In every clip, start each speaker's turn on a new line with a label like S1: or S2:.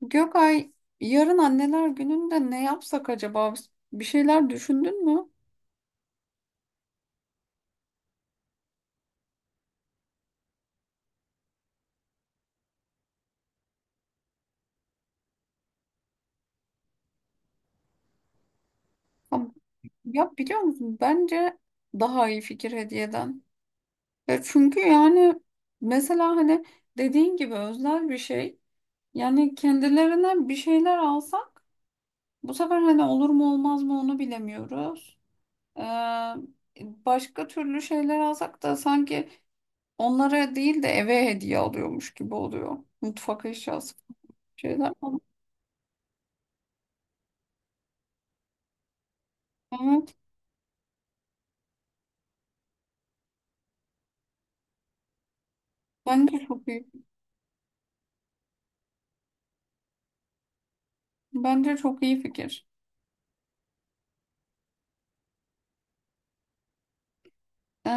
S1: Gökay, yarın anneler gününde ne yapsak acaba? Bir şeyler düşündün mü? Ha. Ya biliyor musun? Bence daha iyi fikir hediyeden. Ya çünkü yani mesela hani dediğin gibi özel bir şey. Yani kendilerine bir şeyler alsak bu sefer hani olur mu olmaz mı onu bilemiyoruz. Ee, Başka türlü şeyler alsak da sanki onlara değil de eve hediye alıyormuş gibi oluyor. Mutfak eşyası şeyler. Bence çok iyi. Bence çok iyi fikir. Ee,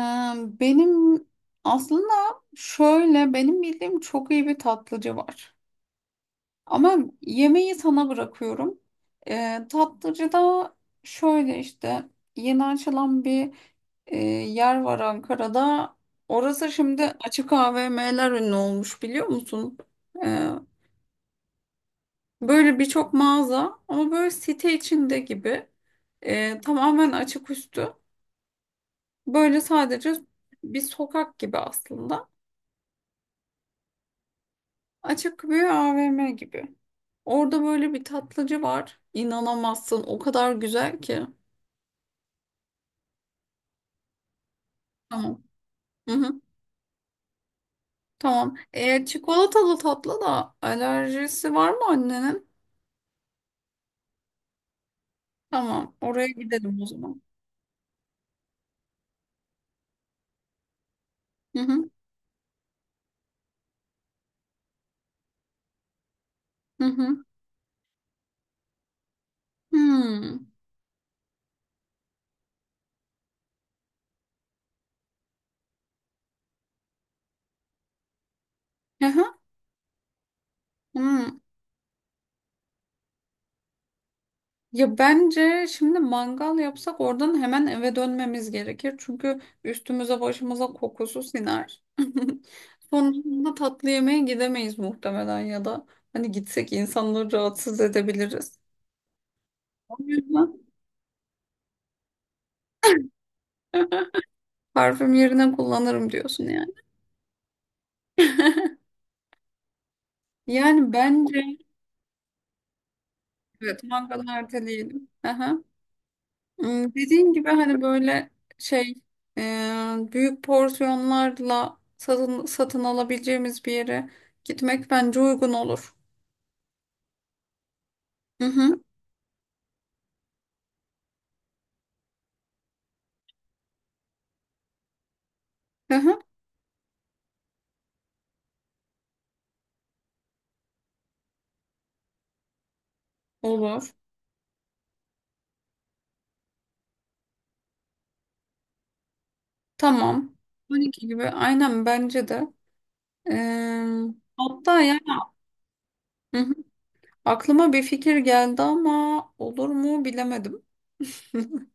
S1: Benim aslında şöyle benim bildiğim çok iyi bir tatlıcı var. Ama yemeği sana bırakıyorum. Tatlıcıda şöyle işte yeni açılan bir yer var Ankara'da. Orası şimdi açık AVM'ler ünlü olmuş biliyor musun? Ee, Böyle birçok mağaza ama böyle site içinde gibi. Tamamen açık üstü. Böyle sadece bir sokak gibi aslında. Açık bir AVM gibi. Orada böyle bir tatlıcı var. İnanamazsın. O kadar güzel ki. Tamam. Hı hı. Tamam. E, çikolatalı tatlı da alerjisi var mı annenin? Tamam. Oraya gidelim o zaman. Hı hı. Hı hı. Hmm. Hı hı. Hmm. Ya bence şimdi mangal yapsak oradan hemen eve dönmemiz gerekir. Çünkü üstümüze başımıza kokusu siner. Sonrasında tatlı yemeğe gidemeyiz muhtemelen ya da hani gitsek insanları rahatsız edebiliriz. O yüzden parfüm yerine kullanırım diyorsun yani. Yani bence evet, mangalı erteleyelim. Aha. Hmm, dediğin gibi hani böyle şey e, büyük porsiyonlarla satın alabileceğimiz bir yere gitmek bence uygun olur. Hı hı. Hı hı. Olur. Tamam. 12 gibi aynen bence de. E, hatta yani hı hı, aklıma bir fikir geldi ama olur mu bilemedim.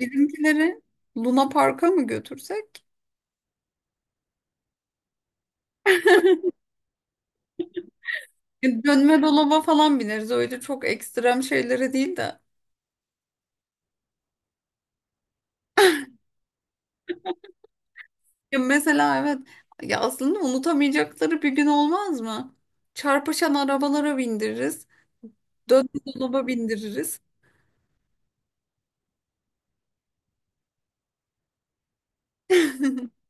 S1: Bizimkileri Luna Park'a mı götürsek? E, dönme dolaba falan bineriz. Öyle çok ekstrem şeylere değil de. Ya mesela evet, ya aslında unutamayacakları bir gün olmaz mı? Çarpışan arabalara bindiririz. Dönme dolaba bindiririz.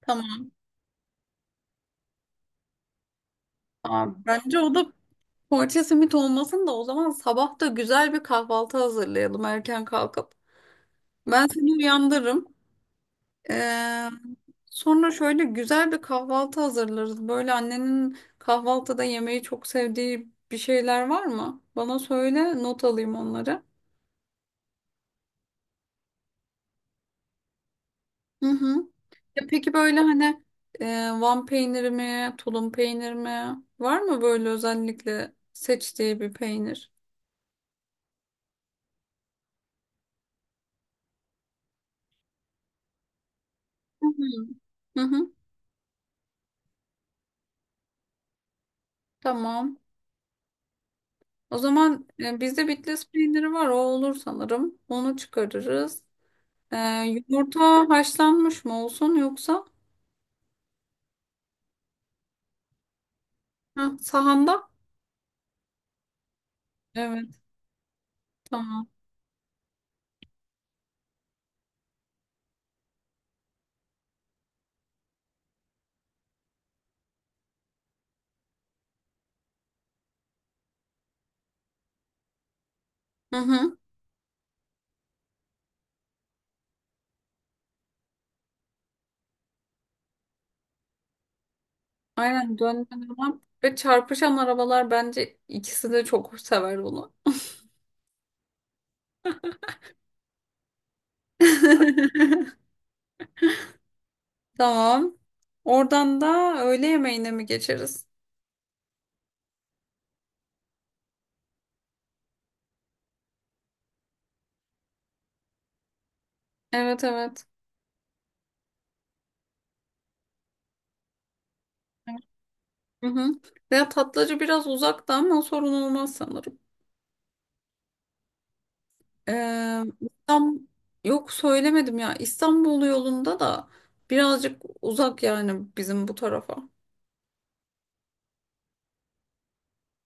S1: Tamam. Aa, bence o da poğaça simit olmasın da o zaman sabah da güzel bir kahvaltı hazırlayalım erken kalkıp. Ben seni uyandırırım. Ee, Sonra şöyle güzel bir kahvaltı hazırlarız. Böyle annenin kahvaltıda yemeği çok sevdiği bir şeyler var mı? Bana söyle not alayım onları. Hı hı. Ya peki böyle hani e, Van peyniri mi, tulum peyniri mi? Var mı böyle özellikle seçtiği bir peynir? Hı hı. Hı hı. Tamam. O zaman bizde Bitlis peyniri var. O olur sanırım. Onu çıkarırız. E, Yumurta haşlanmış mı olsun yoksa? Hı, sahanda? Evet, tamam. Hı hı. Aynen, dönme dolap ve çarpışan arabalar bence ikisi de çok sever bunu. Tamam. Oradan da öğle yemeğine mi geçeriz? Evet, evet. Hı hı. Ya tatlıcı biraz uzakta ama sorun olmaz sanırım. İstanbul... Yok, söylemedim ya. İstanbul yolunda da birazcık uzak yani bizim bu tarafa.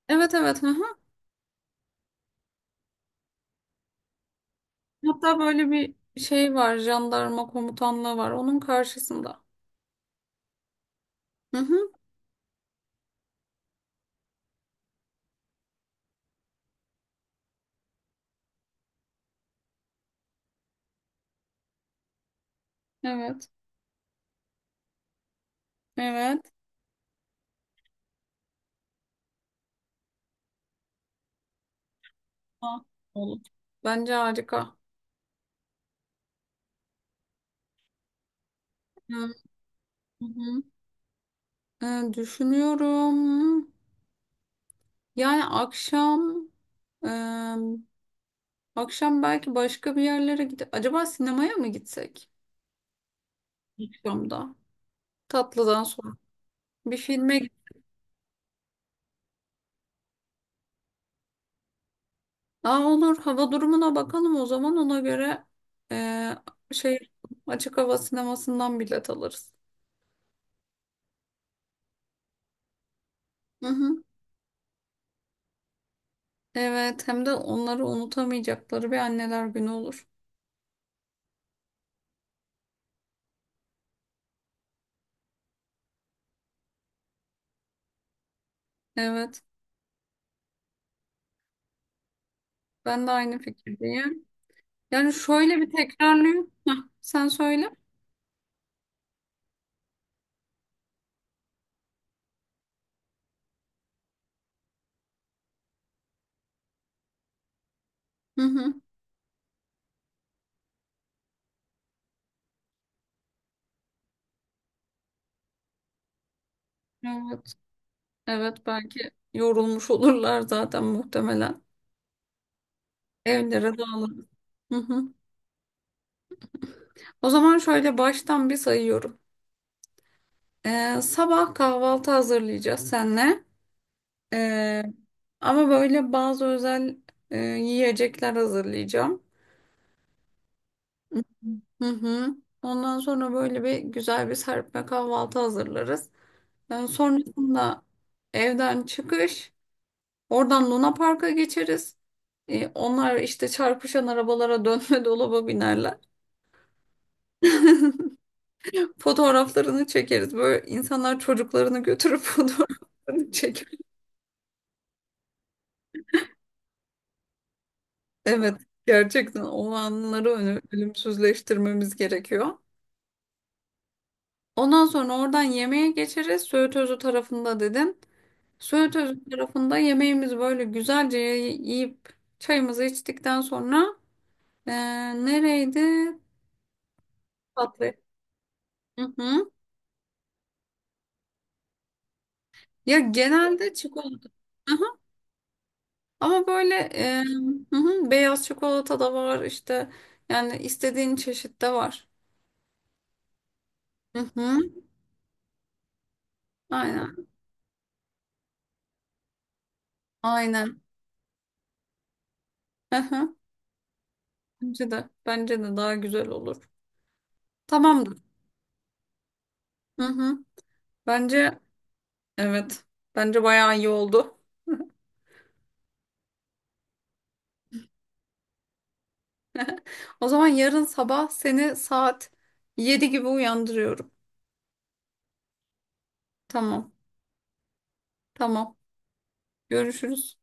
S1: Evet, evet. Hı hı. Hatta böyle bir şey var. Jandarma komutanlığı var. Onun karşısında. Hı hı. Evet. Evet. Ha, olur. Bence harika. Hı hı. Düşünüyorum. Yani akşam em, akşam belki başka bir yerlere gidip acaba sinemaya mı gitsek? Akşamda. Tatlıdan sonra. Bir filme git- Aa, olur. Hava durumuna bakalım o zaman ona göre e, şey, açık hava sinemasından bilet alırız. Hı hı. Evet, hem de onları unutamayacakları bir anneler günü olur. Evet. Ben de aynı fikirdeyim. Yani şöyle bir tekrarlayayım. Heh, sen söyle. Hı hı. Evet. Evet, belki yorulmuş olurlar zaten muhtemelen. Evlere dağılır. Hı hı. O zaman şöyle baştan bir sayıyorum. Sabah kahvaltı hazırlayacağız seninle. Ee, Ama böyle bazı özel yiyecekler hazırlayacağım. Hı hı. Ondan sonra böyle bir güzel bir serpme kahvaltı hazırlarız. Sonrasında evden çıkış, oradan Luna Park'a geçeriz. Onlar işte çarpışan arabalara dönme dolaba binerler. Fotoğraflarını çekeriz. Böyle insanlar çocuklarını götürüp fotoğraflarını çeker. Evet, gerçekten o anları ölümsüzleştirmemiz gerekiyor. Ondan sonra oradan yemeğe geçeriz. Söğüt Özü tarafında dedin. Söğüt Özü tarafında yemeğimizi böyle güzelce yiyip çayımızı içtikten sonra eee, nereydi? Tatlı. Hı hı. Ya genelde çikolata. Ama böyle hı hı, beyaz çikolata da var işte yani istediğin çeşit de var. Hı hı, aynen. Aynen. Hı hı. Bence de daha güzel olur. Tamamdır. Hı hı. Bence evet. Bence bayağı iyi oldu. O zaman yarın sabah seni saat 7 gibi uyandırıyorum. Tamam. Tamam. Görüşürüz.